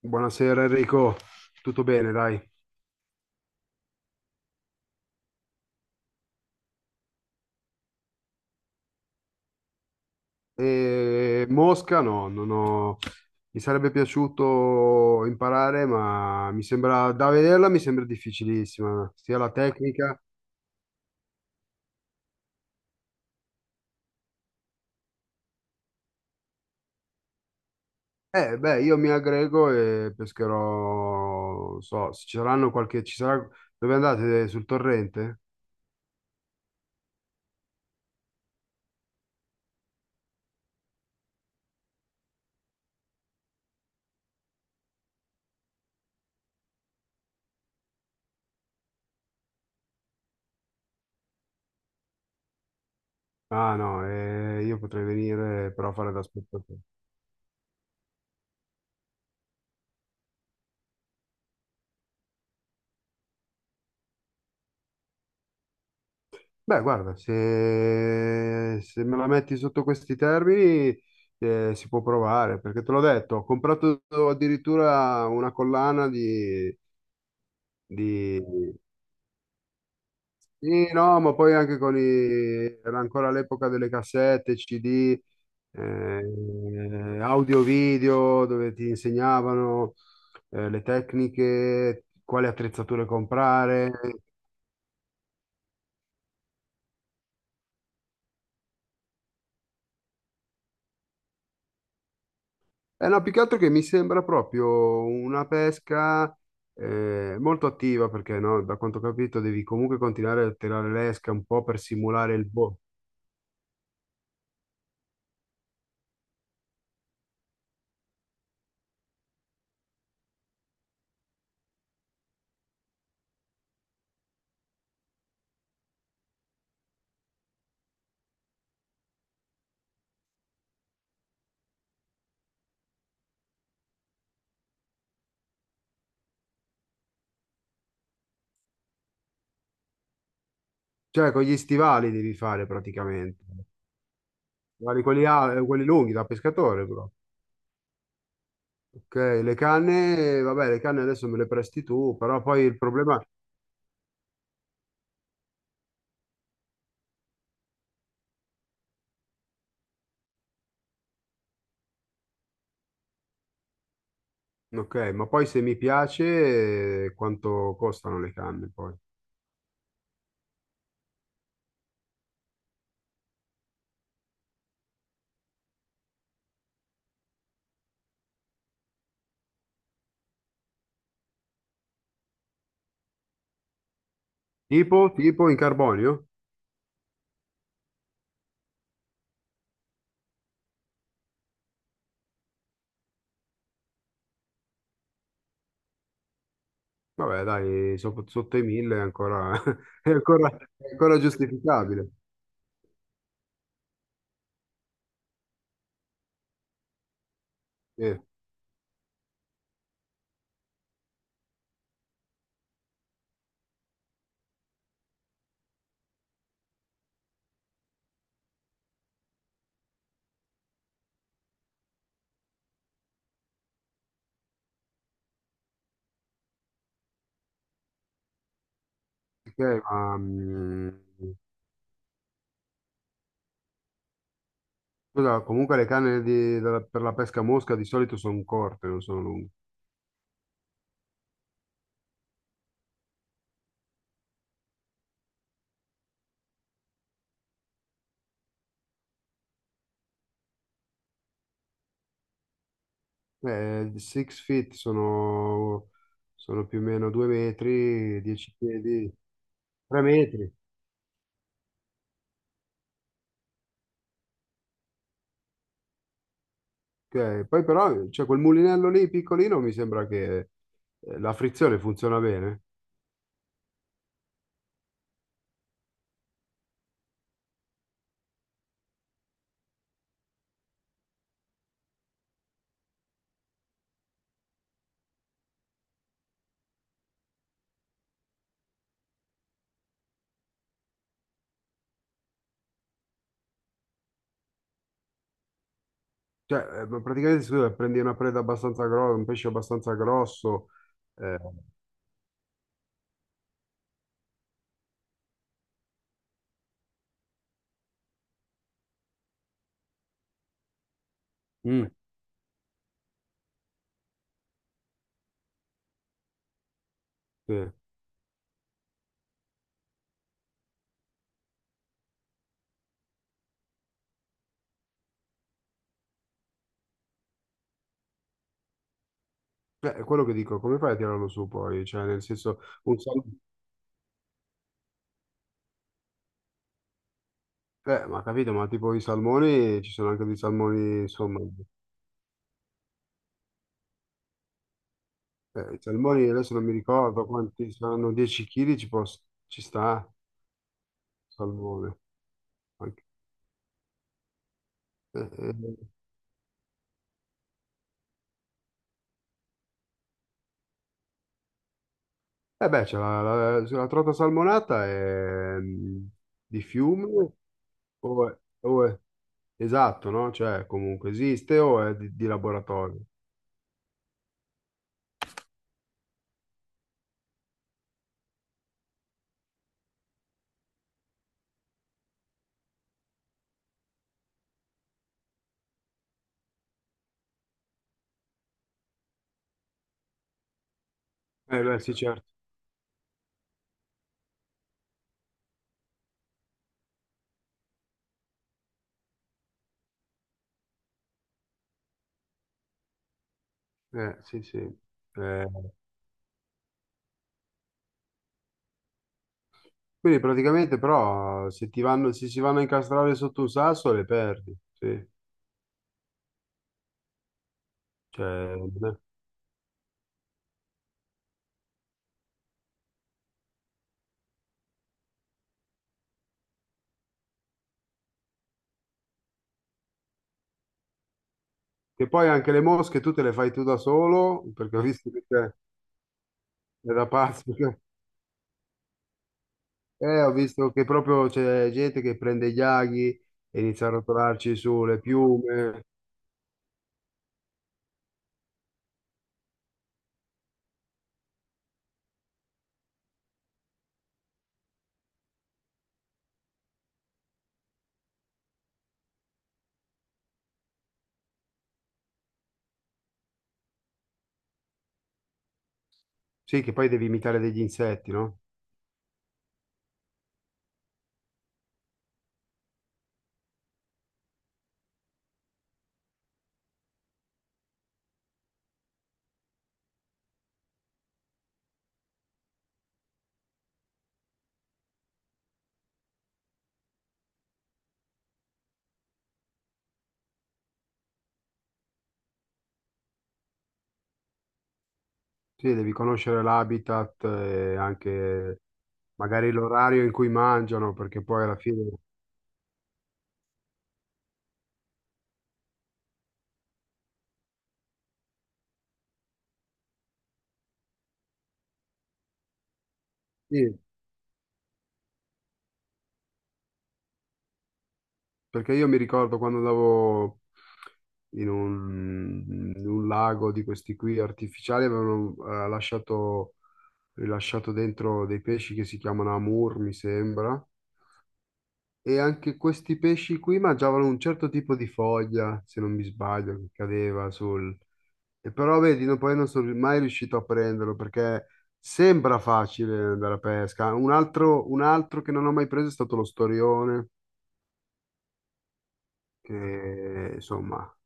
Buonasera Enrico, tutto bene, dai. E Mosca no, non ho... Mi sarebbe piaciuto imparare, ma mi sembra, da vederla mi sembra difficilissima, sia la tecnica. Beh, io mi aggrego e pescherò, non so, se ci saranno qualche... Ci sarà... Dove andate? Sul torrente? Ah no, io potrei venire però a fare da spettatore. Beh, guarda, se me la metti sotto questi termini, si può provare, perché te l'ho detto, ho comprato addirittura una collana di... Sì, no, ma poi anche con i... Era ancora l'epoca delle cassette, CD, audio-video, dove ti insegnavano le tecniche, quali attrezzature comprare. Eh no, più che altro che mi sembra proprio una pesca molto attiva perché no, da quanto ho capito devi comunque continuare a tirare l'esca un po' per simulare il boh. Cioè con gli stivali devi fare praticamente. Guardi quelli, quelli lunghi da pescatore, bro. Ok, le canne, vabbè, le canne adesso me le presti tu, però poi il problema... Ok, ma poi se mi piace, quanto costano le canne poi? Tipo in carbonio? Vabbè, dai, sotto i 1000 è ancora, è ancora, è ancora giustificabile. Sì, ok, ma, scusa, comunque le canne per la pesca a mosca di solito sono corte, non sono lunghe. Six feet sono, sono più o meno 2 metri, 10 piedi, 3 metri. Ok. Poi però c'è quel mulinello lì piccolino, mi sembra che la frizione funziona bene. Cioè, praticamente si deve prendi una preda abbastanza grossa, un pesce abbastanza grosso. Eh. Mm. Sì. Cioè, è quello che dico, come fai a tirarlo su poi? Cioè, nel senso, un salmone... ma capito, ma tipo i salmoni, ci sono anche dei salmoni, insomma... Eh, i salmoni, adesso non mi ricordo quanti saranno, 10 kg ci, ci sta, salmone. Anche- Eh, eh, beh, c'è la trota salmonata è, mm, di fiume o è Esatto, no? Cioè, comunque esiste o è di laboratorio? Beh, sì, certo. Sì, sì. Quindi praticamente però se si vanno a incastrare sotto un sasso le perdi, sì. Cioè, eh. Che poi anche le mosche tu te le fai tu da solo, perché ho visto è da pazzo. Ho visto che proprio c'è gente che prende gli aghi e inizia a rotolarci sulle piume. Sì, che poi devi imitare degli insetti, no? Sì, devi conoscere l'habitat e anche magari l'orario in cui mangiano, perché poi alla fine... Sì, perché io mi ricordo quando andavo in un lago di questi qui artificiali, avevano rilasciato dentro dei pesci che si chiamano amur, mi sembra, e anche questi pesci qui mangiavano un certo tipo di foglia, se non mi sbaglio, che cadeva sul... E però vedi, poi non sono mai riuscito a prenderlo perché sembra facile andare a pesca. Un altro che non ho mai preso è stato lo storione, che insomma.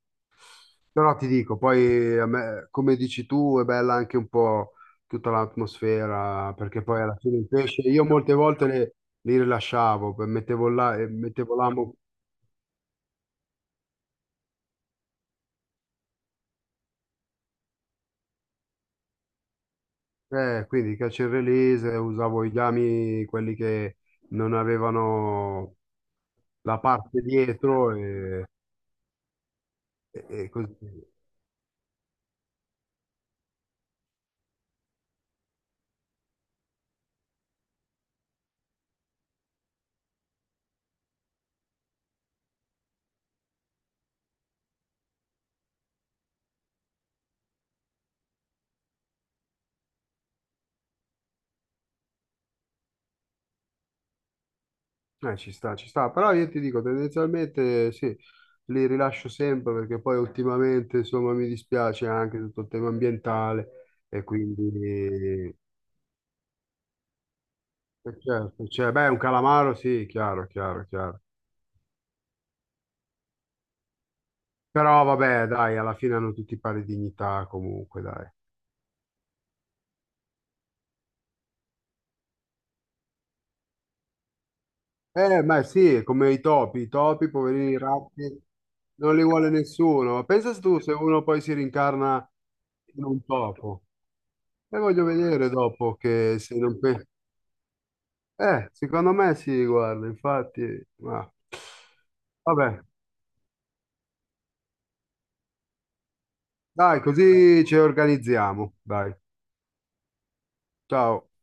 Però ti dico, poi a me, come dici tu, è bella anche un po' tutta l'atmosfera, perché poi alla fine il pesce, io molte volte li rilasciavo, mettevo là, mettevo l'amo, quindi catch and release, usavo i gami, quelli che non avevano la parte dietro E così. Ci sta, ci sta, però io ti dico tendenzialmente sì, li rilascio sempre perché poi ultimamente insomma mi dispiace anche tutto il tema ambientale e quindi certo, cioè, beh, un calamaro sì, chiaro, chiaro, chiaro. Però vabbè, dai, alla fine hanno tutti pari dignità comunque, dai. Ma sì, è come i topi, poverini ratti, non li vuole nessuno. Ma pensa tu se uno poi si rincarna in un topo. E voglio vedere dopo che se non... secondo me sì, guarda, infatti... Ma... Vabbè, dai, così ci organizziamo. Dai, ciao.